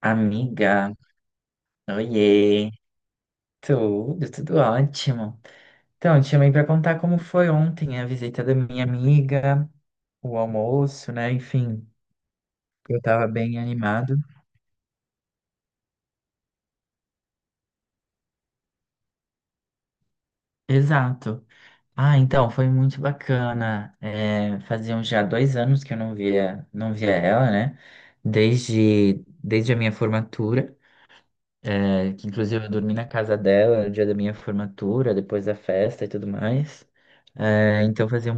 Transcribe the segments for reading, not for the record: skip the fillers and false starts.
Amiga, oiê, tudo, tudo ótimo. Então, te chamei para contar como foi ontem a visita da minha amiga, o almoço, né? Enfim, eu tava bem animado. Exato. Ah, então, foi muito bacana. É, faziam já 2 anos que eu não via ela, né? Desde, desde a minha formatura, é, que inclusive eu dormi na casa dela no dia da minha formatura, depois da festa e tudo mais. É, então fazia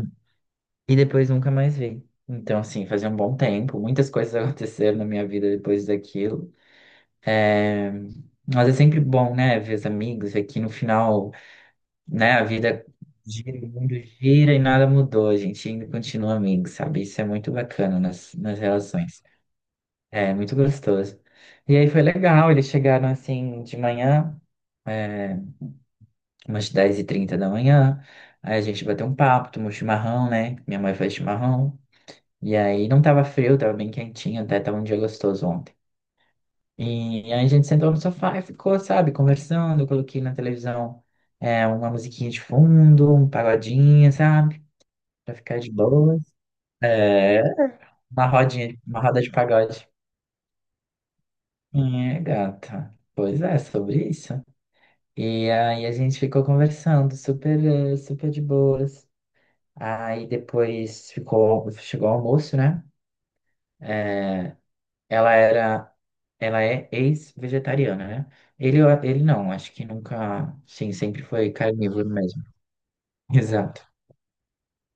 E depois nunca mais vi. Então, assim, fazia um bom tempo, muitas coisas aconteceram na minha vida depois daquilo. É, Mas é sempre bom, né, ver os amigos, ver que no final, né, a vida gira, o mundo gira e nada mudou, a gente ainda continua amigo, sabe? Isso é muito bacana nas relações. É muito gostoso. E aí foi legal, eles chegaram assim de manhã, é, umas 10h30 da manhã, aí a gente bateu um papo, tomou chimarrão, né? Minha mãe faz chimarrão. E aí não tava frio, tava bem quentinho, até tava um dia gostoso ontem. E aí a gente sentou no sofá e ficou, sabe, conversando. Eu coloquei na televisão uma musiquinha de fundo, um pagodinho, sabe? Pra ficar de boas. É, uma rodinha, uma roda de pagode. É, gata. Pois é, sobre isso. E aí a gente ficou conversando, super de boas. Aí depois ficou, chegou o almoço, né? É, Ela era, ela é ex-vegetariana, né? Ele não, acho que nunca, sim, sempre foi carnívoro mesmo. Exato.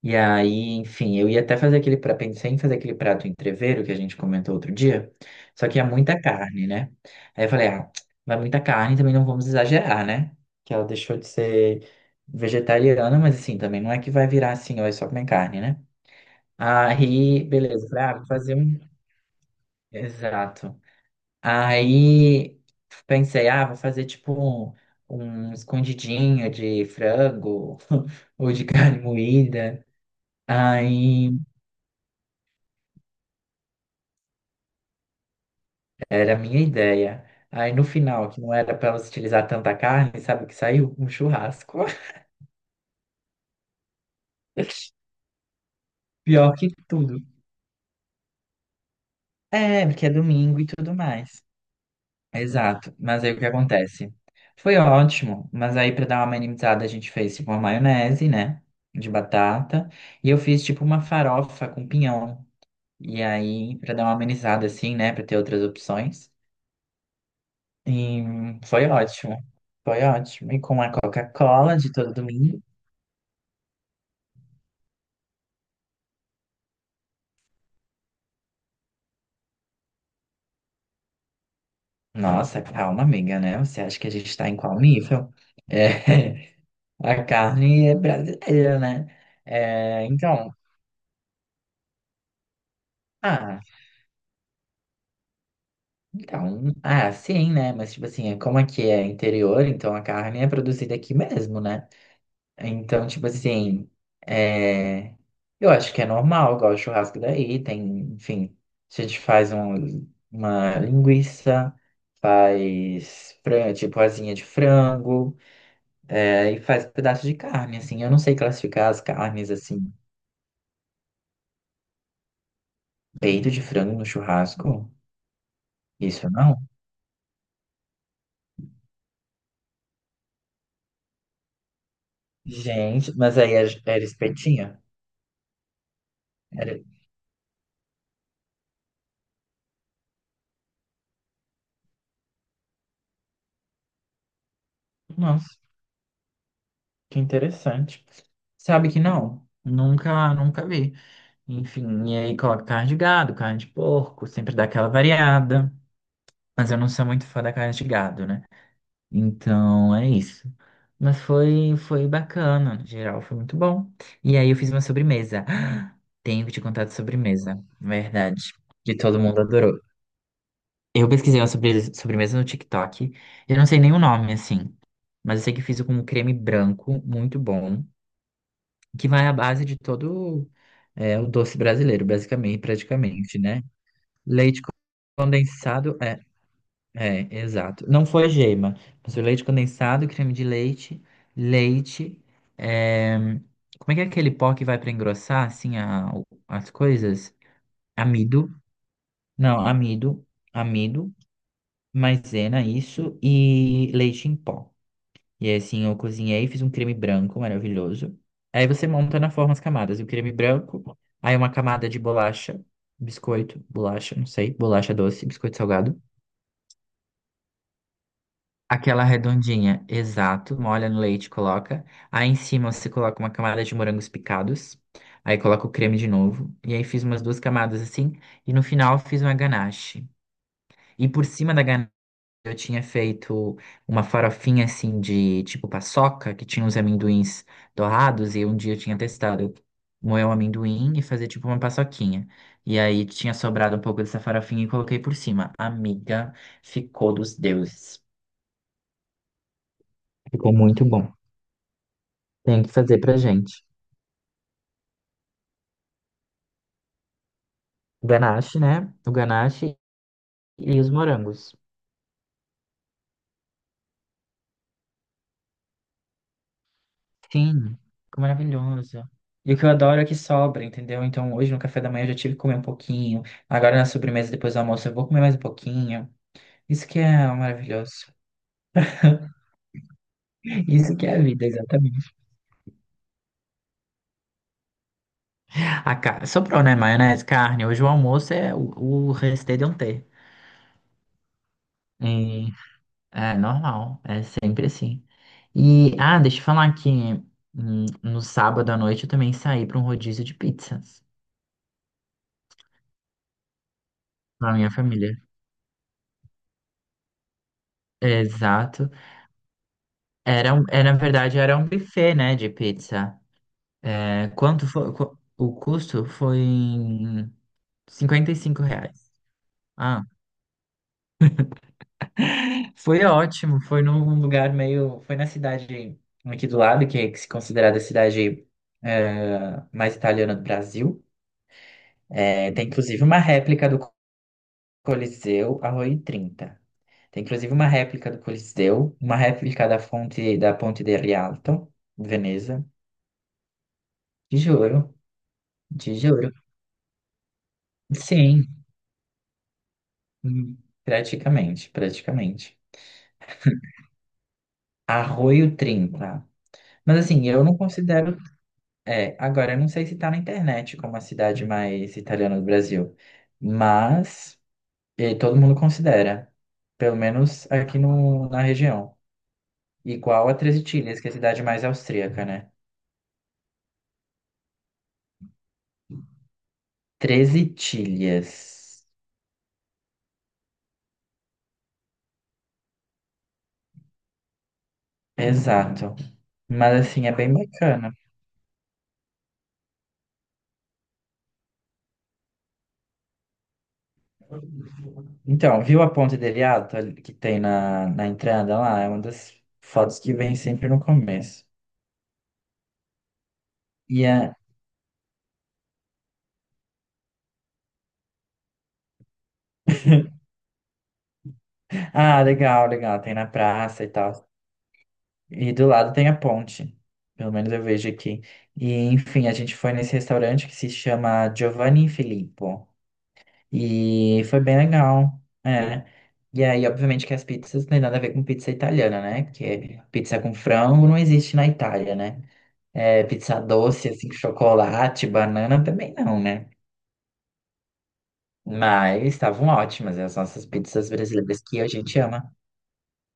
E aí, enfim, eu ia até fazer aquele prato, pensei em fazer aquele prato entrevero que a gente comentou outro dia, só que é muita carne, né? Aí eu falei, ah, vai muita carne, também não vamos exagerar, né? Que ela deixou de ser vegetariana, mas assim, também não é que vai virar assim, ó, é só comer carne, né? Aí, beleza, falei, ah, vou fazer um. Exato. Aí pensei, ah, vou fazer tipo um escondidinho de frango ou de carne moída. Aí era a minha ideia. Aí no final, que não era para elas utilizar tanta carne, sabe o que saiu? Um churrasco. Pior que tudo. É, porque é domingo e tudo mais. Exato. Mas aí o que acontece? Foi ótimo, mas aí para dar uma minimizada a gente fez tipo uma maionese, né? De batata. E eu fiz tipo uma farofa com pinhão. E aí, pra dar uma amenizada assim, né? Pra ter outras opções. E foi ótimo. Foi ótimo. E com a Coca-Cola de todo domingo. Nossa, calma, amiga, né? Você acha que a gente tá em qual nível? É, a carne é brasileira, né? É, ah, então, ah, sim, né? Mas, tipo assim, é como aqui é interior, então a carne é produzida aqui mesmo, né? Então, tipo assim, é, eu acho que é normal, igual o churrasco daí, tem, enfim, a gente faz uma linguiça, faz tipo asinha de frango, é, e faz um pedaço de carne, assim, eu não sei classificar as carnes, assim, peito de frango no churrasco, isso não? Gente, mas aí era espetinha? Era... Nossa, que interessante. Sabe que não? Nunca vi. Enfim, e aí coloco carne de gado, carne de porco, sempre dá aquela variada. Mas eu não sou muito fã da carne de gado, né? Então é isso. Mas foi bacana, no geral, foi muito bom. E aí eu fiz uma sobremesa. Tenho que te contar de sobremesa, verdade. Que todo mundo adorou. Eu pesquisei uma sobremesa no TikTok. Eu não sei nem o nome, assim. Mas eu sei que fiz com um creme branco muito bom, que vai à base de todo o doce brasileiro, basicamente, praticamente, né? Leite condensado, é, exato. Não foi gema, mas o leite condensado, creme de leite, leite. é, Como é que é aquele pó que vai para engrossar, assim, as coisas? Amido, não, amido, maisena, isso, e leite em pó. E aí, assim, eu cozinhei, fiz um creme branco maravilhoso. Aí você monta na forma as camadas. E o creme branco, aí uma camada de bolacha, biscoito, bolacha, não sei, bolacha doce, biscoito salgado. Aquela redondinha, exato. Molha no leite, coloca. Aí em cima você coloca uma camada de morangos picados. Aí coloca o creme de novo. E aí fiz umas duas camadas assim. E no final fiz uma ganache. E por cima da ganache eu tinha feito uma farofinha assim de tipo paçoca, que tinha uns amendoins dourados. E um dia eu tinha testado moer o amendoim e fazer tipo uma paçoquinha. E aí tinha sobrado um pouco dessa farofinha e coloquei por cima. Amiga, ficou dos deuses. Ficou muito bom. Tem que fazer pra gente. O ganache, né? O ganache e os morangos. Sim, ficou maravilhoso. E o que eu adoro é que sobra, entendeu? Então hoje no café da manhã eu já tive que comer um pouquinho. Agora na sobremesa, depois do almoço, eu vou comer mais um pouquinho. Isso que é maravilhoso. Isso que é a vida, exatamente. A ca... Sobrou, né? Maionese, carne. Hoje o almoço é o restê de um ter. É normal, é sempre assim. E, ah, deixa eu falar que no sábado à noite eu também saí para um rodízio de pizzas com a minha família. Exato. Era, é, na verdade, era um buffet, né, de pizza. É, quanto foi, o custo foi em R$ 55. Ah, foi ótimo, foi num lugar meio, foi na cidade aqui do lado, que é que se considerada a cidade mais italiana do Brasil. É, tem inclusive uma réplica do Coliseu, Arroio Trinta. Tem inclusive uma réplica do Coliseu, uma réplica da fonte da Ponte de Rialto, de Veneza. De juro, de juro. Sim, hum, praticamente, praticamente. Arroio Trinta. Mas assim, eu não considero. É, agora, eu não sei se tá na internet como a cidade mais italiana do Brasil, mas todo mundo considera, pelo menos aqui no, na região. Igual a Treze Tílias, que é a cidade mais austríaca, né? Treze tilhas. Exato. Mas assim, é bem bacana. Então, viu a ponte de Rialto ali que tem na entrada lá? É uma das fotos que vem sempre no começo. E é... Ah, legal, legal. Tem na praça e tal. E do lado tem a ponte. Pelo menos eu vejo aqui. E, enfim, a gente foi nesse restaurante que se chama Giovanni Filippo. E foi bem legal. É. E aí, obviamente, que as pizzas não tem nada a ver com pizza italiana, né? Porque pizza com frango não existe na Itália, né? É, pizza doce, assim, com chocolate, banana também não, né? Mas estavam ótimas as nossas pizzas brasileiras que a gente ama.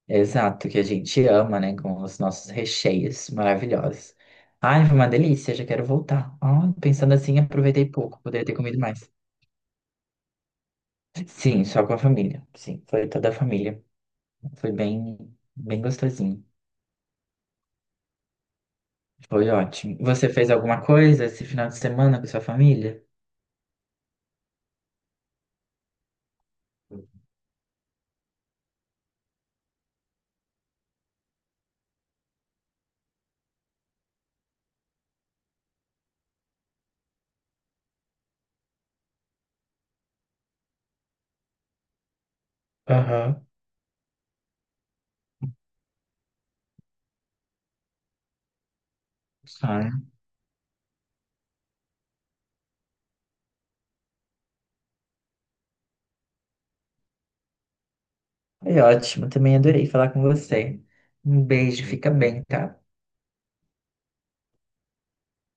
Exato, que a gente ama, né? Com os nossos recheios maravilhosos. Ai, foi uma delícia, já quero voltar. Ah, pensando assim, aproveitei pouco, poderia ter comido mais. Sim, só com a família. Sim, foi toda a família. Foi bem, bem gostosinho. Foi ótimo. Você fez alguma coisa esse final de semana com sua família? Aham. Ah, é ótimo. Também adorei falar com você. Um beijo, fica bem, tá?